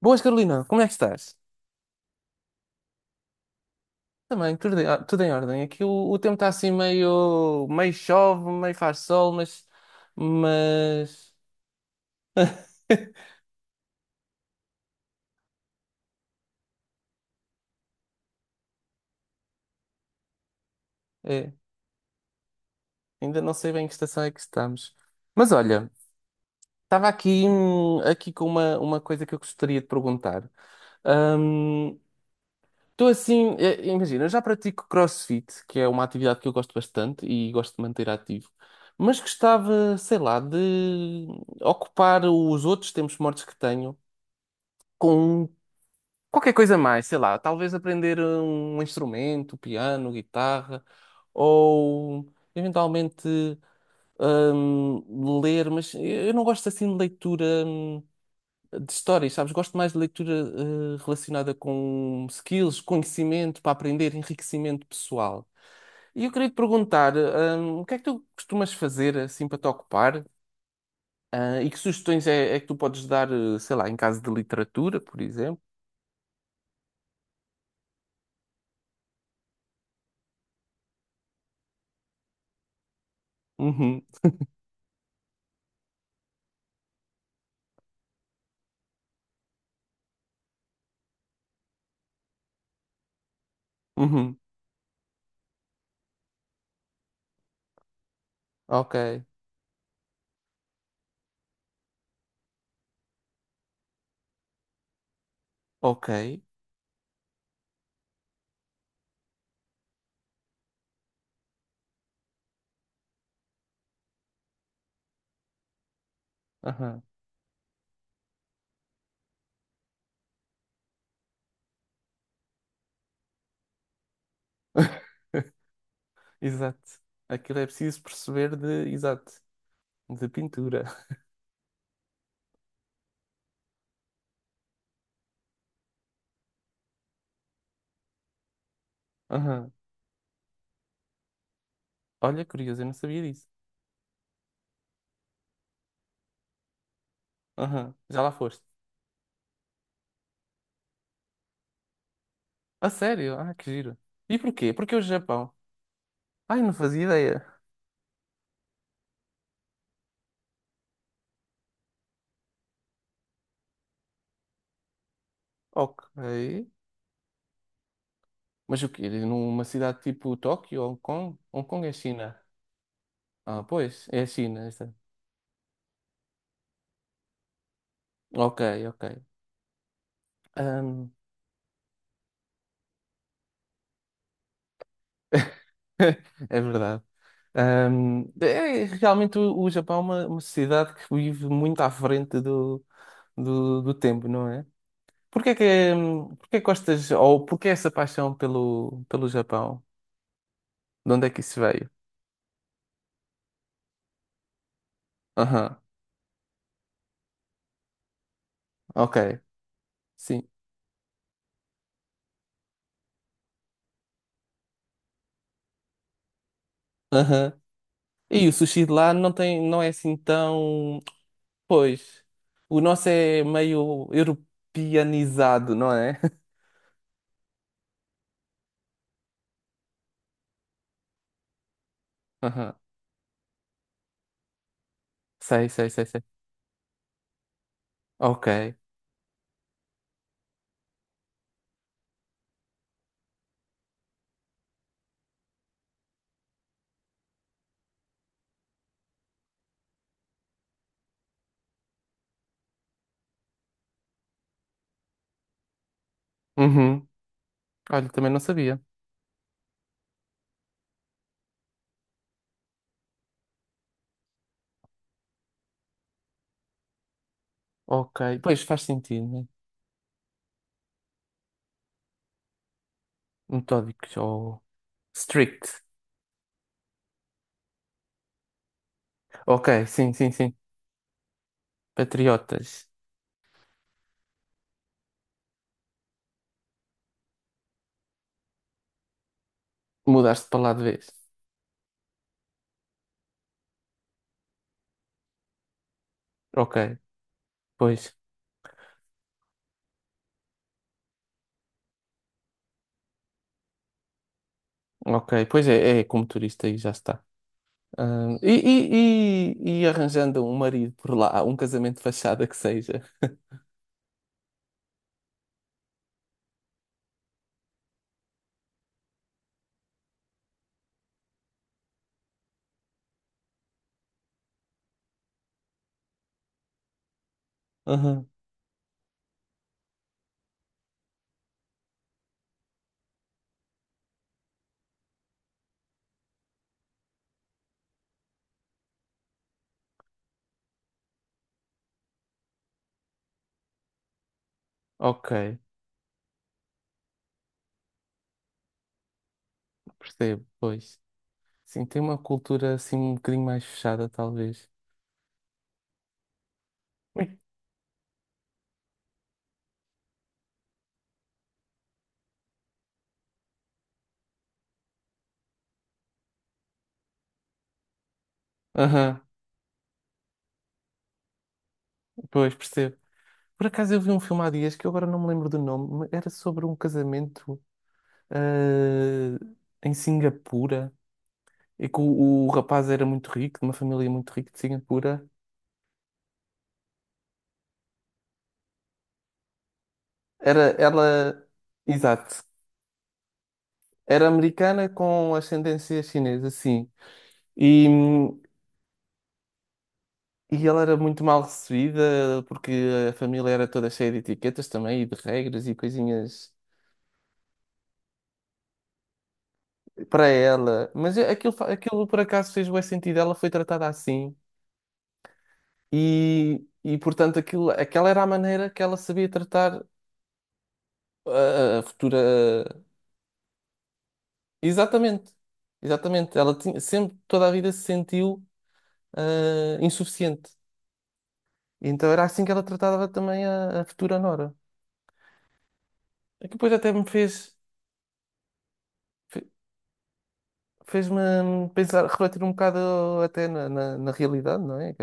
Boas, Carolina, como é que estás? Também, tudo em ordem. Aqui o tempo está assim meio chove, meio faz sol, mas... É, ainda não sei bem que estação é que estamos. Mas olha, estava aqui com uma coisa que eu gostaria de perguntar. Estou assim, imagina, eu já pratico CrossFit, que é uma atividade que eu gosto bastante e gosto de manter ativo. Mas gostava, sei lá, de ocupar os outros tempos mortos que tenho com qualquer coisa mais, sei lá, talvez aprender um instrumento, piano, guitarra, ou eventualmente ler, mas eu não gosto assim de leitura de histórias, sabes? Gosto mais de leitura relacionada com skills, conhecimento para aprender, enriquecimento pessoal. E eu queria te perguntar, o que é que tu costumas fazer assim para te ocupar? Ah, e que sugestões é que tu podes dar, sei lá, em caso de literatura, por exemplo? Uhum, uhum. Ok, ok. Aham. Exato. Aquilo é preciso perceber de, exato, de pintura. Aham. Olha, curioso, eu não sabia disso. Aham. Já lá foste. A sério? Ah, que giro. E porquê? Porque é o Japão? Ai, não fazia ideia. Ok. Mas o quê? Numa cidade tipo Tóquio ou Hong Kong? Hong Kong é China. Ah, pois, é a China essa. Ok, ok. Ahm, É verdade. É realmente o Japão é uma sociedade que vive muito à frente do tempo, não é? Porquê é que, porquê é que gostas, ou porquê essa paixão pelo Japão? De onde é que isso veio? Aham, ok, sim. Aham. E o sushi de lá não tem, não é assim tão. Pois, o nosso é meio europeanizado, não é? Aham. Sei, sei, sei, sei. Ok. Uhum. Olha, também não sabia. Ok, pois faz sentido, né? Metódicos ou strict. Ok, sim, sim, sim. Patriotas. Mudaste para lá de vez. Ok, pois. Ok, pois é como turista e já está. Ah, e arranjando um marido por lá, um casamento de fachada que seja. Aham. Ok, percebo, pois. Sim, tem uma cultura assim um bocadinho mais fechada, talvez. Ui. Aham. Pois, percebo. Por acaso eu vi um filme há dias que eu agora não me lembro do nome, mas era sobre um casamento, eh, em Singapura, e que o rapaz era muito rico, de uma família muito rica de Singapura. Era ela, exato, era americana com ascendência chinesa, sim. E, e ela era muito mal recebida porque a família era toda cheia de etiquetas também e de regras e coisinhas para ela. Mas é, aquilo por acaso fez bué sentido, ela foi tratada assim. E portanto, aquilo, aquela era a maneira que ela sabia tratar a futura. Exatamente, exatamente. Ela tinha, sempre, toda a vida se sentiu insuficiente. E então era assim que ela tratava também a futura nora. É que depois até me fez, fe- fez-me pensar, refletir um bocado até na realidade, não é? Que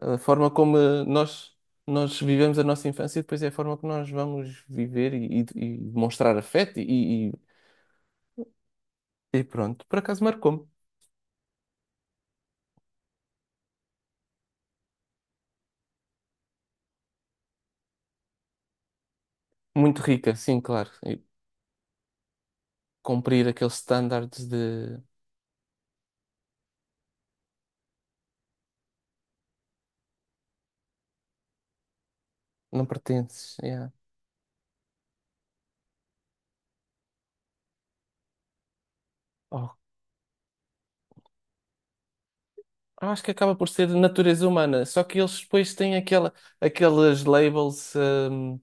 a forma como nós vivemos a nossa infância e depois é a forma que nós vamos viver e demonstrar afeto e pronto. Por acaso marcou-me. Muito rica, sim, claro. E cumprir aqueles standards de não pertences. Yeah. Oh, acho que acaba por ser natureza humana, só que eles depois têm aquela, aqueles labels,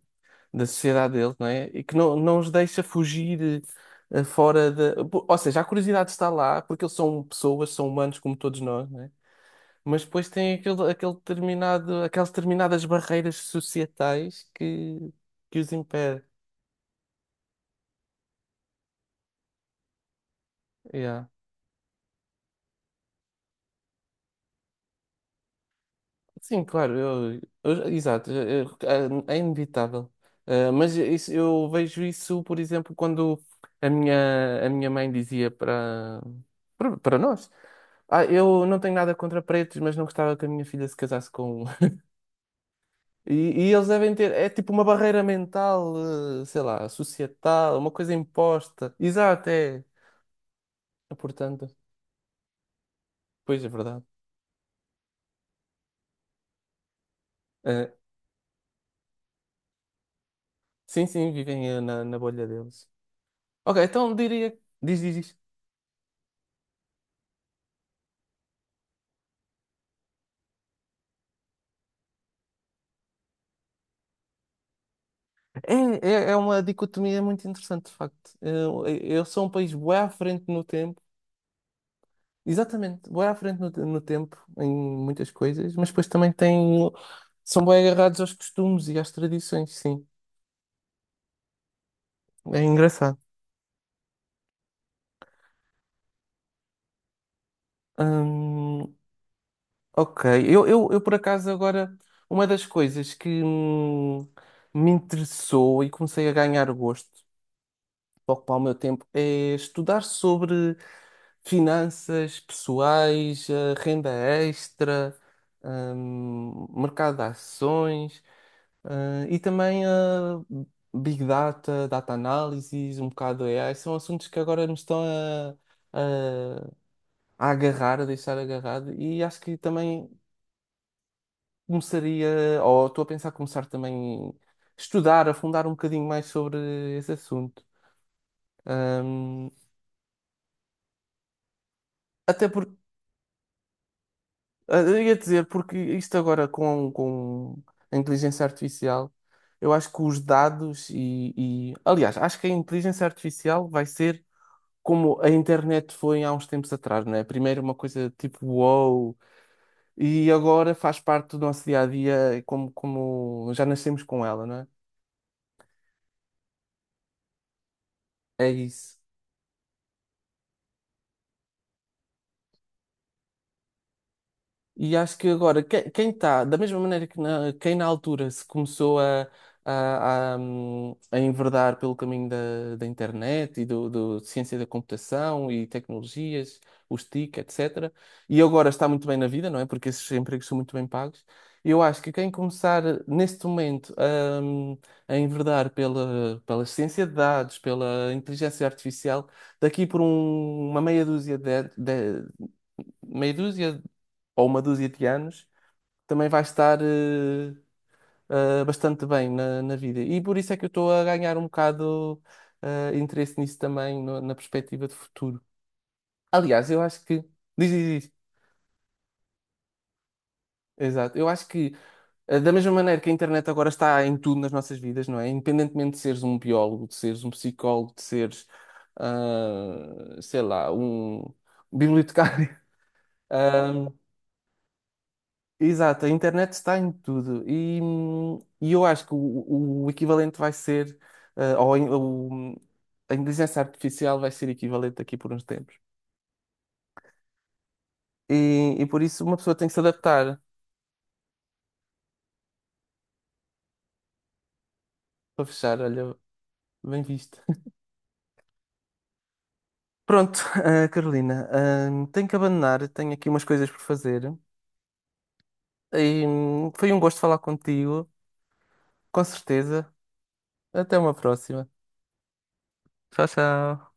da sociedade deles, não é? E que não os deixa fugir fora da. Ou seja, a curiosidade está lá, porque eles são pessoas, são humanos como todos nós, não é? Mas depois têm aquele determinado, aquelas determinadas barreiras societais que os impedem. Yeah. Sim, claro, exato, é inevitável. Mas eu vejo isso, por exemplo, quando a minha mãe dizia para nós: Ah, eu não tenho nada contra pretos, mas não gostava que a minha filha se casasse com um. E, e eles devem ter, é tipo uma barreira mental, sei lá, societal, uma coisa imposta. Exato, é. Portanto, pois é verdade. Eh, sim, sim, vivem na bolha deles. Ok, então diria. Diz, diz, diz. É, é uma dicotomia muito interessante, de facto. Eu sou um país bué à frente no tempo, exatamente, bué à frente no tempo em muitas coisas, mas depois também tem, são bué agarrados aos costumes e às tradições, sim. É engraçado. Hum, ok, eu por acaso agora, uma das coisas que me interessou e comecei a ganhar gosto para ocupar o meu tempo é estudar sobre finanças pessoais, renda extra, mercado de ações, e também a Big Data, Data Analysis, um bocado de AI. São assuntos que agora me estão a, a- a agarrar, a deixar agarrado, e acho que também começaria, ou estou a pensar começar também a estudar, afundar um bocadinho mais sobre esse assunto. Hum, até porque Ah, eu ia dizer, porque isto agora com, a inteligência artificial, eu acho que os dados aliás, acho que a inteligência artificial vai ser como a internet foi há uns tempos atrás, não é? Primeiro uma coisa tipo wow, e agora faz parte do nosso dia a dia, como já nascemos com ela, não é? É isso. E acho que agora, quem está, da mesma maneira quem na altura se começou a enverdar pelo caminho da internet e do de ciência da computação e tecnologias, os TIC, etc., e agora está muito bem na vida, não é? Porque esses empregos são muito bem pagos. Eu acho que quem começar neste momento a enverdar pela ciência de dados, pela inteligência artificial, daqui por uma meia dúzia ou uma dúzia de anos, também vai estar bastante bem na vida. E por isso é que eu estou a ganhar um bocado interesse nisso também, na perspectiva de futuro. Aliás, eu acho que. Diz, diz, diz. Exato. Eu acho que, da mesma maneira que a internet agora está em tudo nas nossas vidas, não é? Independentemente de seres um biólogo, de seres um psicólogo, de seres, sei lá, um bibliotecário. Exato, a internet está em tudo e eu acho que o equivalente vai ser, ou a inteligência artificial vai ser equivalente aqui por uns tempos. E por isso uma pessoa tem que se adaptar para fechar, olha, bem visto. Pronto, Carolina, tenho que abandonar, tenho aqui umas coisas por fazer. E foi um gosto falar contigo, com certeza. Até uma próxima. Tchau, tchau.